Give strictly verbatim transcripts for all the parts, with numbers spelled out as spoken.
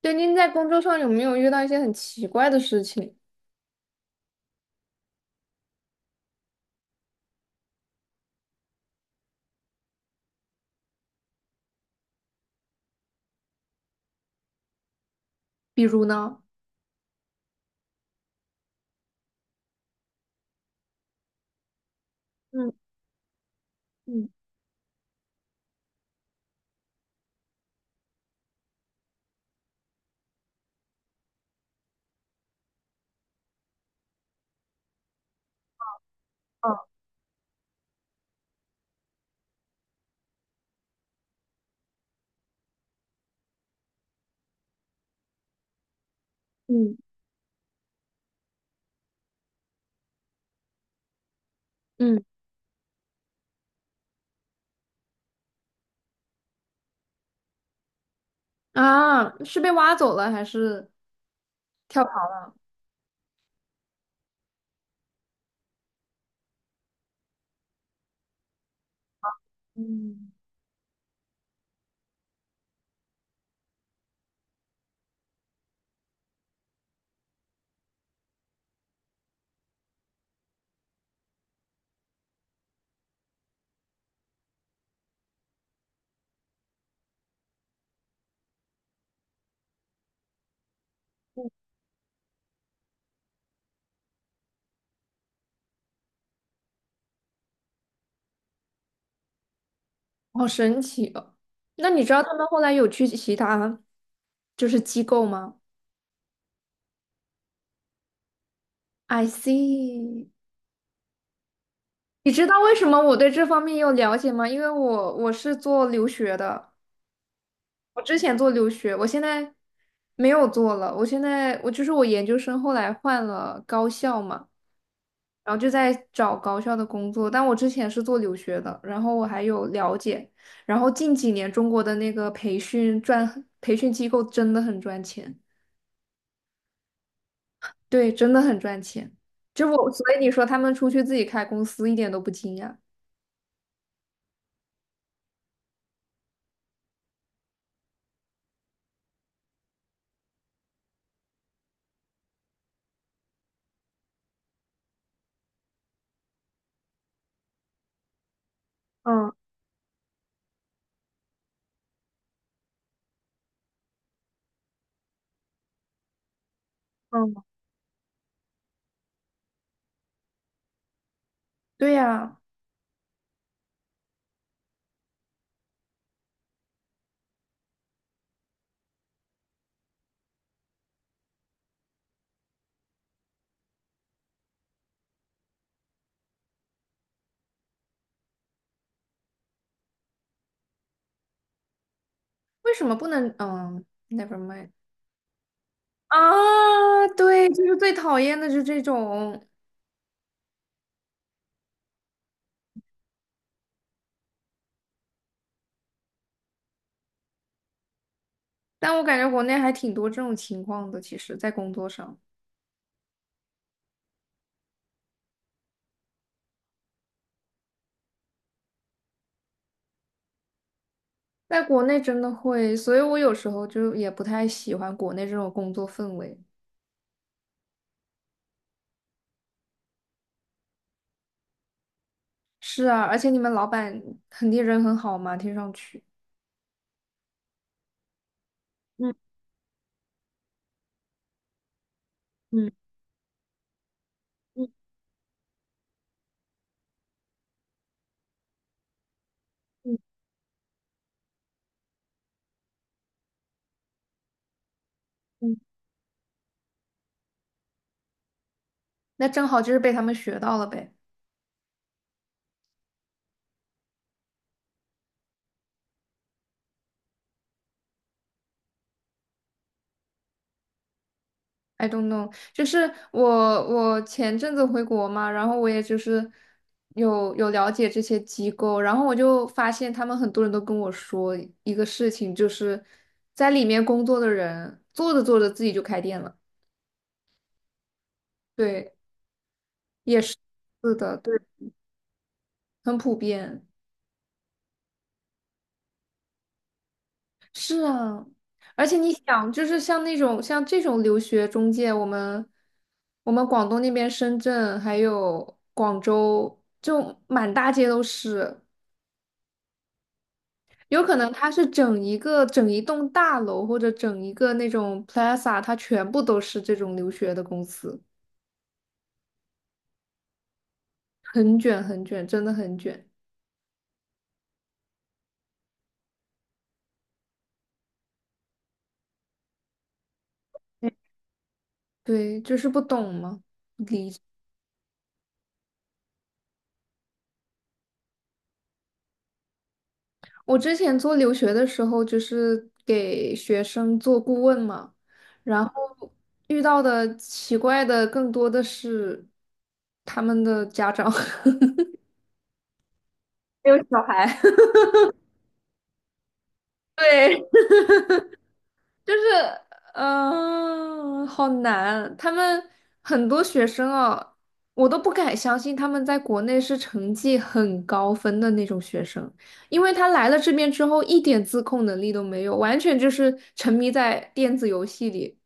对，您在工作上有没有遇到一些很奇怪的事情？比如呢？嗯嗯哦嗯嗯啊，是被挖走了还是跳槽了？嗯，好神奇哦！那你知道他们后来有去其他就是机构吗？I see。你知道为什么我对这方面有了解吗？因为我我是做留学的。我之前做留学，我现在没有做了。我现在我就是我研究生后来换了高校嘛，然后就在找高校的工作。但我之前是做留学的，然后我还有了解。然后近几年中国的那个培训赚，培训机构真的很赚钱，对，真的很赚钱。就我，所以你说他们出去自己开公司一点都不惊讶。嗯嗯，对呀，为什么不能？嗯，never mind。啊，对，就是最讨厌的是这种。但我感觉国内还挺多这种情况的，其实，在工作上，在国内真的会，所以我有时候就也不太喜欢国内这种工作氛围。是啊，而且你们老板肯定人很好嘛，听上去。嗯嗯嗯嗯嗯，嗯，那正好就是被他们学到了呗。I don't know,就是我我前阵子回国嘛，然后我也就是有有了解这些机构，然后我就发现他们很多人都跟我说一个事情，就是在里面工作的人做着做着自己就开店了，对，也是，是的，对，很普遍。是啊，而且你想，就是像那种像这种留学中介，我们我们广东那边深圳还有广州，就满大街都是。有可能它是整一个整一栋大楼或者整一个那种 plaza，它全部都是这种留学的公司。很卷很卷，真的很卷。嗯，对，就是不懂嘛。我之前做留学的时候，就是给学生做顾问嘛，然后遇到的奇怪的更多的是他们的家长。没有小孩，对，就是嗯、呃好难。他们很多学生啊，我都不敢相信他们在国内是成绩很高分的那种学生，因为他来了这边之后一点自控能力都没有，完全就是沉迷在电子游戏里。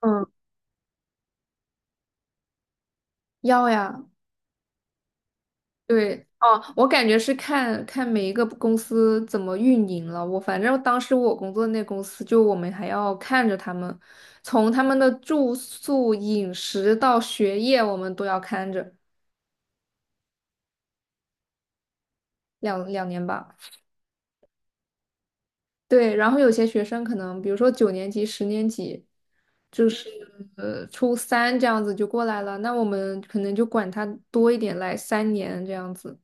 嗯，要呀，对，哦，我感觉是看看每一个公司怎么运营了。我反正当时我工作那公司，就我们还要看着他们，从他们的住宿、饮食到学业，我们都要看着。两两年吧。对，然后有些学生可能，比如说九年级、十年级，就是呃初三这样子就过来了，那我们可能就管他多一点，来三年这样子。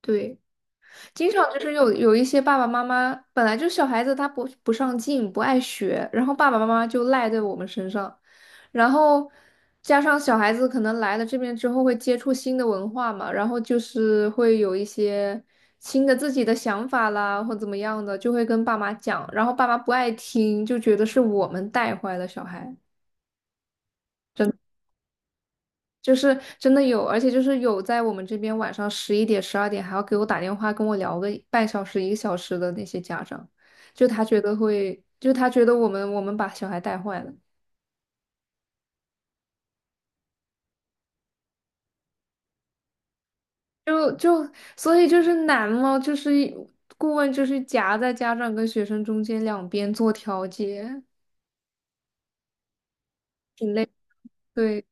对。经常就是有有一些爸爸妈妈本来就小孩子他不不上进不爱学，然后爸爸妈妈就赖在我们身上，然后加上小孩子可能来了这边之后会接触新的文化嘛，然后就是会有一些新的自己的想法啦或怎么样的，就会跟爸妈讲，然后爸妈不爱听，就觉得是我们带坏了小孩。真。就是真的有，而且就是有在我们这边晚上十一点、十二点还要给我打电话跟我聊个半小时、一个小时的那些家长，就他觉得会，就他觉得我们我们把小孩带坏了。就就所以就是难嘛，就是顾问就是夹在家长跟学生中间两边做调节，挺累。对，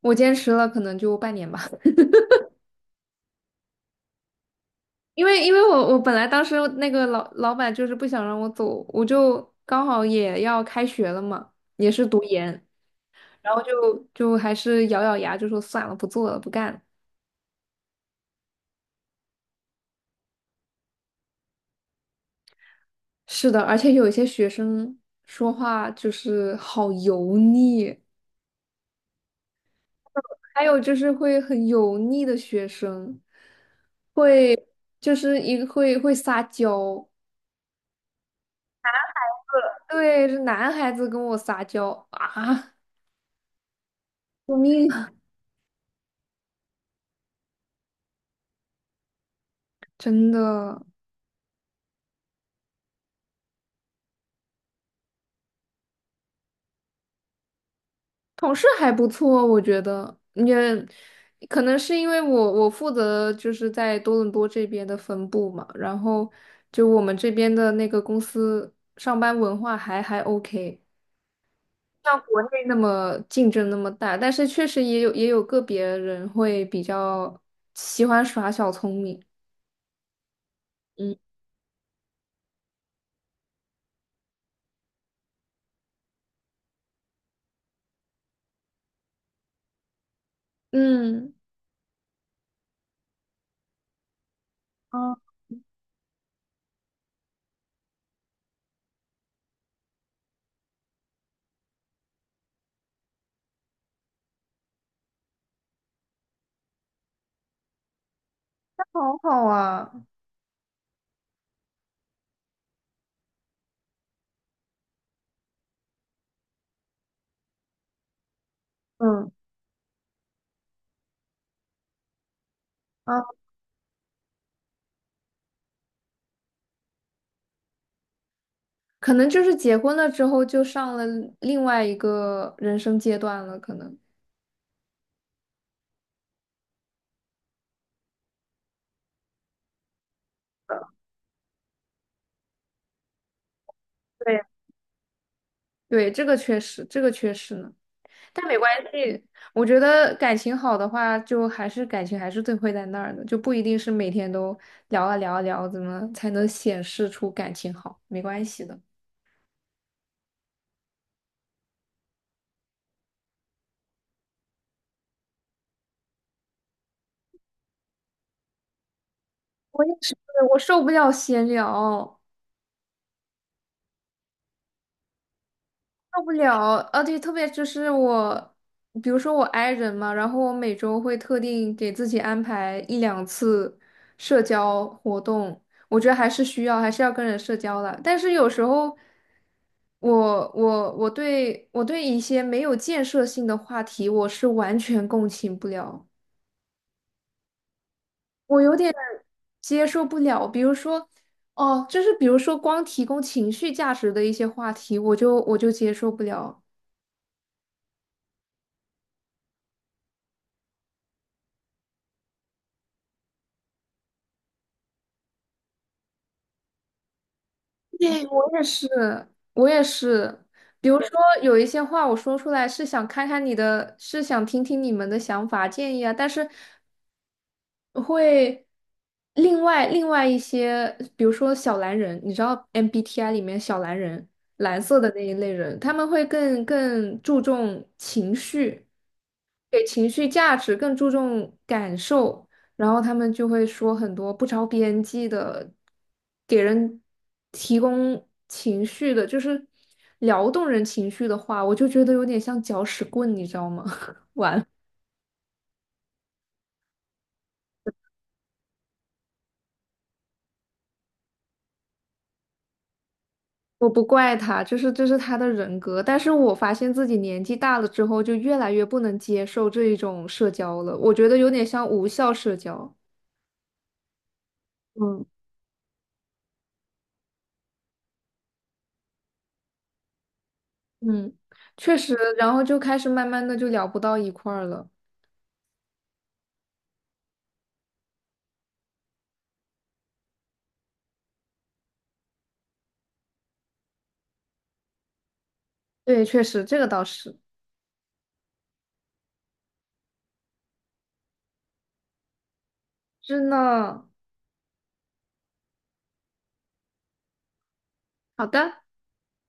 我坚持了可能就半年吧。因为因为我我本来当时那个老老板就是不想让我走，我就刚好也要开学了嘛，也是读研，然后就就还是咬咬牙，就说算了，不做了，不干了。是的，而且有一些学生说话就是好油腻，还有就是会很油腻的学生，会就是一个会会撒娇。对，是男孩子跟我撒娇啊，救命啊！真的。同事还不错，我觉得也可能是因为我我负责就是在多伦多这边的分部嘛，然后就我们这边的那个公司上班文化还还 OK，像国内那么竞争那么大，但是确实也有也有个别人会比较喜欢耍小聪明。嗯嗯，啊，好好啊。嗯。啊。可能就是结婚了之后就上了另外一个人生阶段了，可能。对。对，这个确实，这个确实呢，但没关系。我觉得感情好的话，就还是感情还是最会在那儿的，就不一定是每天都聊啊聊啊聊，怎么才能显示出感情好？没关系的。我也是，我受不了闲聊。受不了，啊，对，特别就是我，比如说我 i 人嘛，然后我每周会特定给自己安排一两次社交活动，我觉得还是需要，还是要跟人社交的。但是有时候我，我我对我对一些没有建设性的话题，我是完全共情不了，我有点接受不了。比如说，哦，就是比如说光提供情绪价值的一些话题，我就我就接受不了。对，我也是，我也是。比如说，有一些话我说出来是想看看你的，是想听听你们的想法建议啊，但是会另外另外一些，比如说小蓝人，你知道 M B T I 里面小蓝人，蓝色的那一类人，他们会更更注重情绪，给情绪价值，更注重感受。然后他们就会说很多不着边际的，给人提供情绪的，就是撩动人情绪的话，我就觉得有点像搅屎棍，你知道吗？我不怪他，就是这是他的人格，但是我发现自己年纪大了之后，就越来越不能接受这一种社交了，我觉得有点像无效社交。嗯，嗯，确实，然后就开始慢慢的就聊不到一块儿了。对，确实，这个倒是。真的。好的。